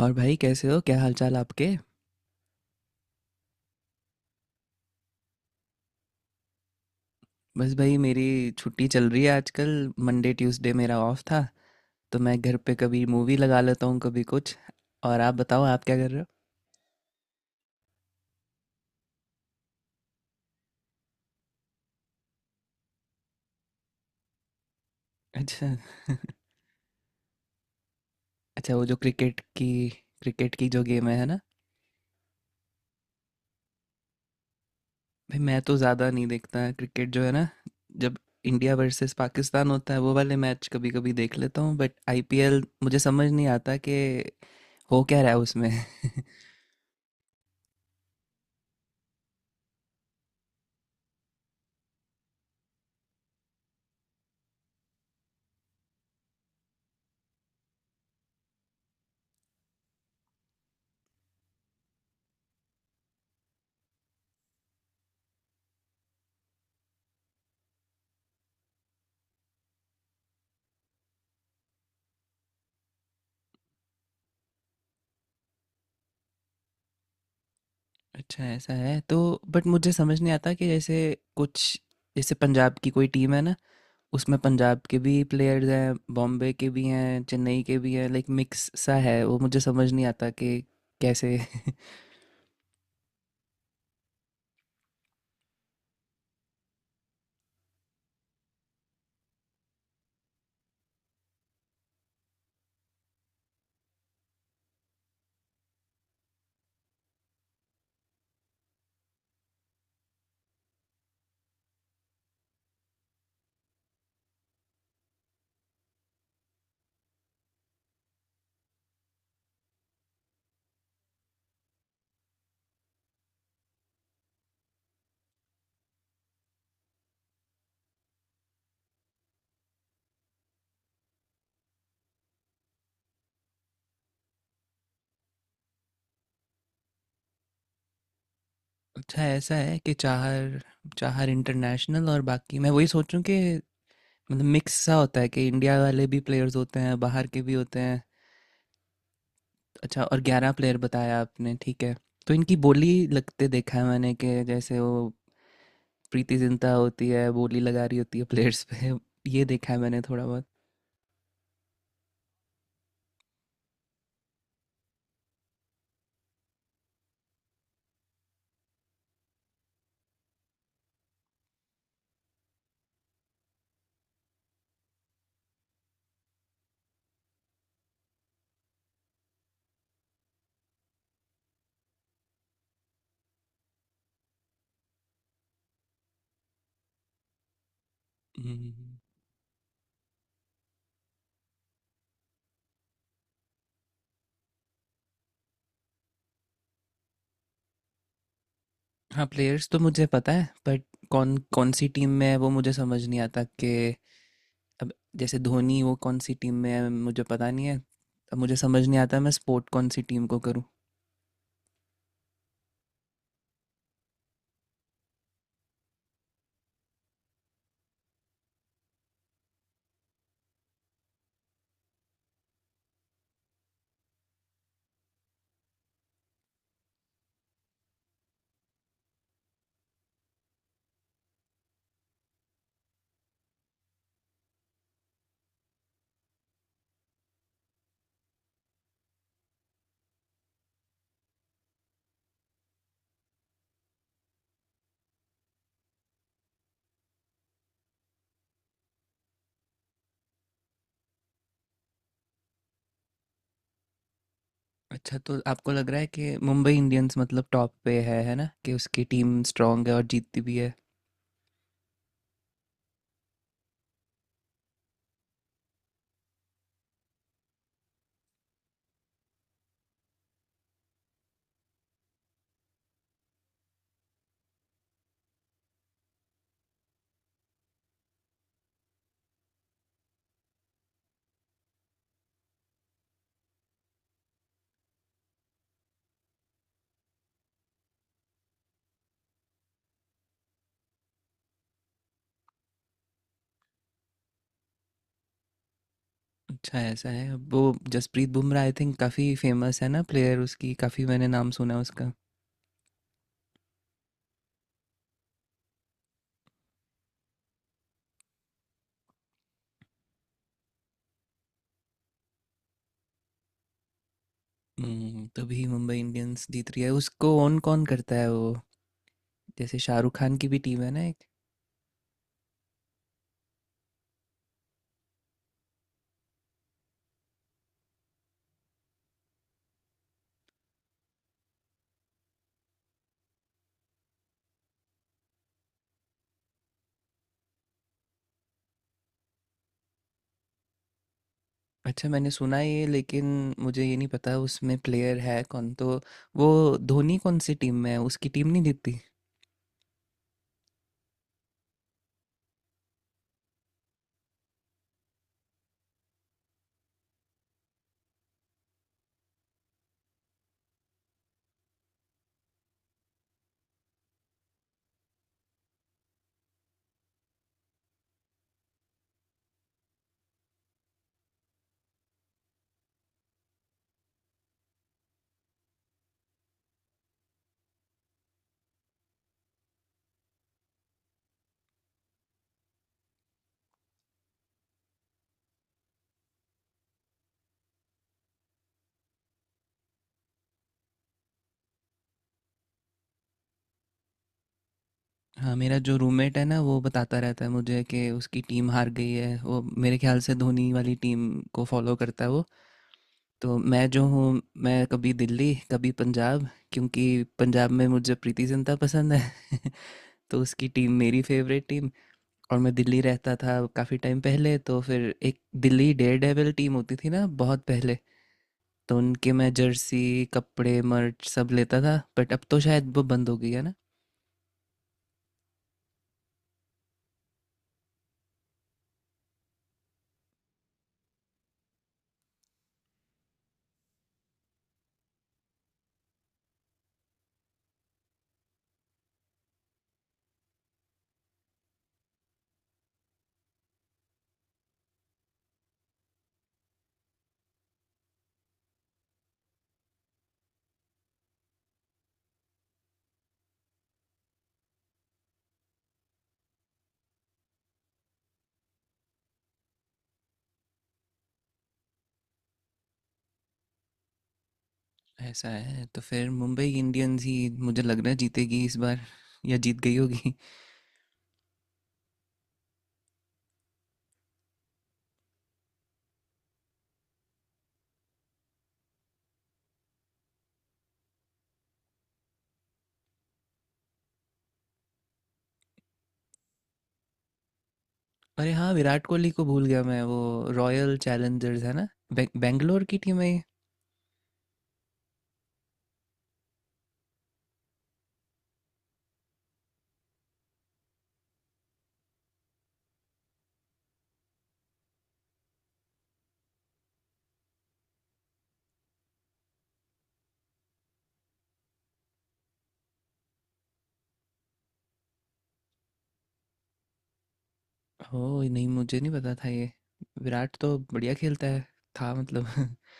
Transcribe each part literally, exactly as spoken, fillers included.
और भाई कैसे हो क्या हालचाल आपके। बस भाई मेरी छुट्टी चल रही है आजकल। मंडे ट्यूसडे मेरा ऑफ था, तो मैं घर पे कभी मूवी लगा लेता हूँ कभी कुछ। और आप बताओ आप क्या कर रहे हो। अच्छा। अच्छा वो जो क्रिकेट की क्रिकेट की जो गेम है ना। भाई मैं तो ज़्यादा नहीं देखता क्रिकेट जो है ना। जब इंडिया वर्सेस पाकिस्तान होता है वो वाले मैच कभी कभी देख लेता हूँ, बट आईपीएल मुझे समझ नहीं आता कि हो क्या रहा है उसमें। अच्छा ऐसा है तो, बट मुझे समझ नहीं आता कि जैसे कुछ, जैसे पंजाब की कोई टीम है ना, उसमें पंजाब के भी प्लेयर्स हैं, बॉम्बे के भी हैं, चेन्नई के भी हैं, लाइक मिक्स सा है वो। मुझे समझ नहीं आता कि कैसे। अच्छा ऐसा है कि चाहर चाहर इंटरनेशनल और बाकी, मैं वही सोचूं कि मतलब मिक्स सा होता है कि इंडिया वाले भी प्लेयर्स होते हैं, बाहर के भी होते हैं। अच्छा, और ग्यारह प्लेयर बताया आपने, ठीक है। तो इनकी बोली लगते देखा है मैंने, कि जैसे वो प्रीति जिंटा होती है बोली लगा रही होती है प्लेयर्स पे, ये देखा है मैंने थोड़ा बहुत। हम्म। हाँ प्लेयर्स तो मुझे पता है, बट कौन कौन सी टीम में है वो मुझे समझ नहीं आता कि, अब जैसे धोनी वो कौन सी टीम में है मुझे पता नहीं है। अब मुझे समझ नहीं आता मैं सपोर्ट कौन सी टीम को करूँ। अच्छा, तो आपको लग रहा है कि मुंबई इंडियंस मतलब टॉप पे है है ना, कि उसकी टीम स्ट्रांग है और जीतती भी है। अच्छा ऐसा है वो। जसप्रीत बुमराह आई थिंक काफ़ी फेमस है ना प्लेयर, उसकी काफ़ी मैंने नाम सुना है उसका। हम्म, तभी मुंबई इंडियंस जीत रही है। उसको ओन कौन करता है वो, जैसे शाहरुख खान की भी टीम है ना एक। अच्छा, मैंने सुना है ये, लेकिन मुझे ये नहीं पता उसमें प्लेयर है कौन, तो वो धोनी कौन सी टीम में है, उसकी टीम नहीं जीतती। हाँ मेरा जो रूममेट है ना, वो बताता रहता है मुझे कि उसकी टीम हार गई है। वो मेरे ख्याल से धोनी वाली टीम को फॉलो करता है वो। तो मैं जो हूँ, मैं कभी दिल्ली कभी पंजाब, क्योंकि पंजाब में मुझे प्रीति जिंटा पसंद है। तो उसकी टीम मेरी फेवरेट टीम। और मैं दिल्ली रहता था काफ़ी टाइम पहले, तो फिर एक दिल्ली डेयर डेविल टीम होती थी ना बहुत पहले, तो उनके मैं जर्सी कपड़े मर्च सब लेता था, बट अब तो शायद वो बंद हो गई है ना। ऐसा है, तो फिर मुंबई इंडियंस ही मुझे लग रहा है जीतेगी इस बार, या जीत गई होगी। अरे हाँ, विराट कोहली को भूल गया मैं। वो रॉयल चैलेंजर्स है ना, बे- बेंगलोर की टीम है ये। ओ नहीं, मुझे नहीं पता था ये। विराट तो बढ़िया खेलता है, था मतलब।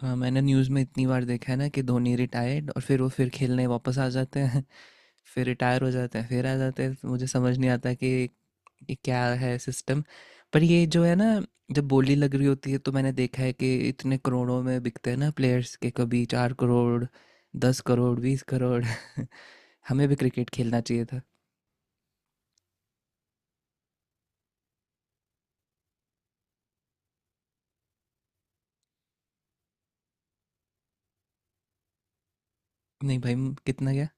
हाँ मैंने न्यूज़ में इतनी बार देखा है ना, कि धोनी रिटायर्ड, और फिर वो फिर खेलने वापस आ जाते हैं। फिर रिटायर हो जाते हैं, फिर आ जाते हैं, तो मुझे समझ नहीं आता कि ये क्या है सिस्टम। पर ये जो है ना, जब बोली लग रही होती है, तो मैंने देखा है कि इतने करोड़ों में बिकते हैं ना प्लेयर्स, के कभी चार करोड़, दस करोड़, बीस करोड़। हमें भी क्रिकेट खेलना चाहिए था। नहीं भाई, कितना गया।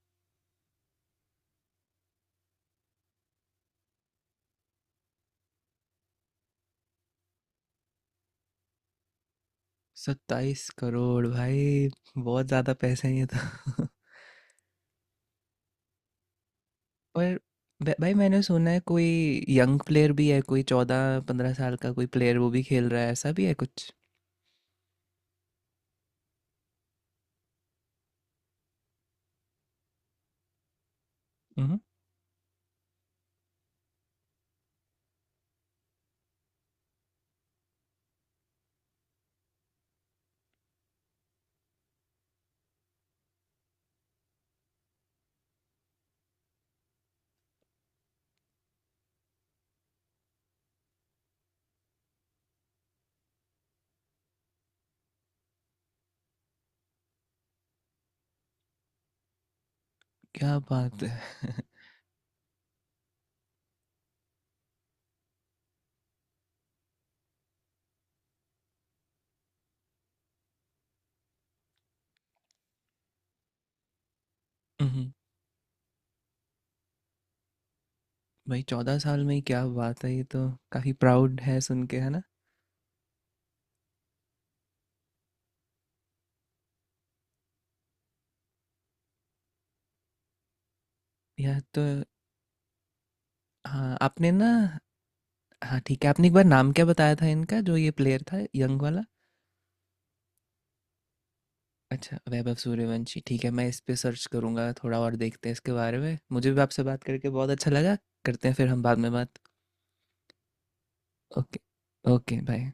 सत्ताईस करोड़ भाई, बहुत ज़्यादा पैसे हैं ये तो। और भ- भाई मैंने सुना है कोई यंग प्लेयर भी है, कोई चौदह पंद्रह साल का कोई प्लेयर वो भी खेल रहा है, ऐसा भी है कुछ। हम्म। क्या बात है। हम्म भाई चौदह साल में ही, क्या बात है ये तो। काफी प्राउड है सुन के, है ना। यह तो, हाँ आपने ना, हाँ ठीक है, आपने एक बार नाम क्या बताया था इनका, जो ये प्लेयर था यंग वाला। अच्छा, वैभव सूर्यवंशी, ठीक है, मैं इस पे सर्च करूंगा थोड़ा और देखते हैं इसके बारे में। मुझे भी आपसे बात करके बहुत अच्छा लगा, करते हैं फिर हम बाद में बात। ओके। Okay bye.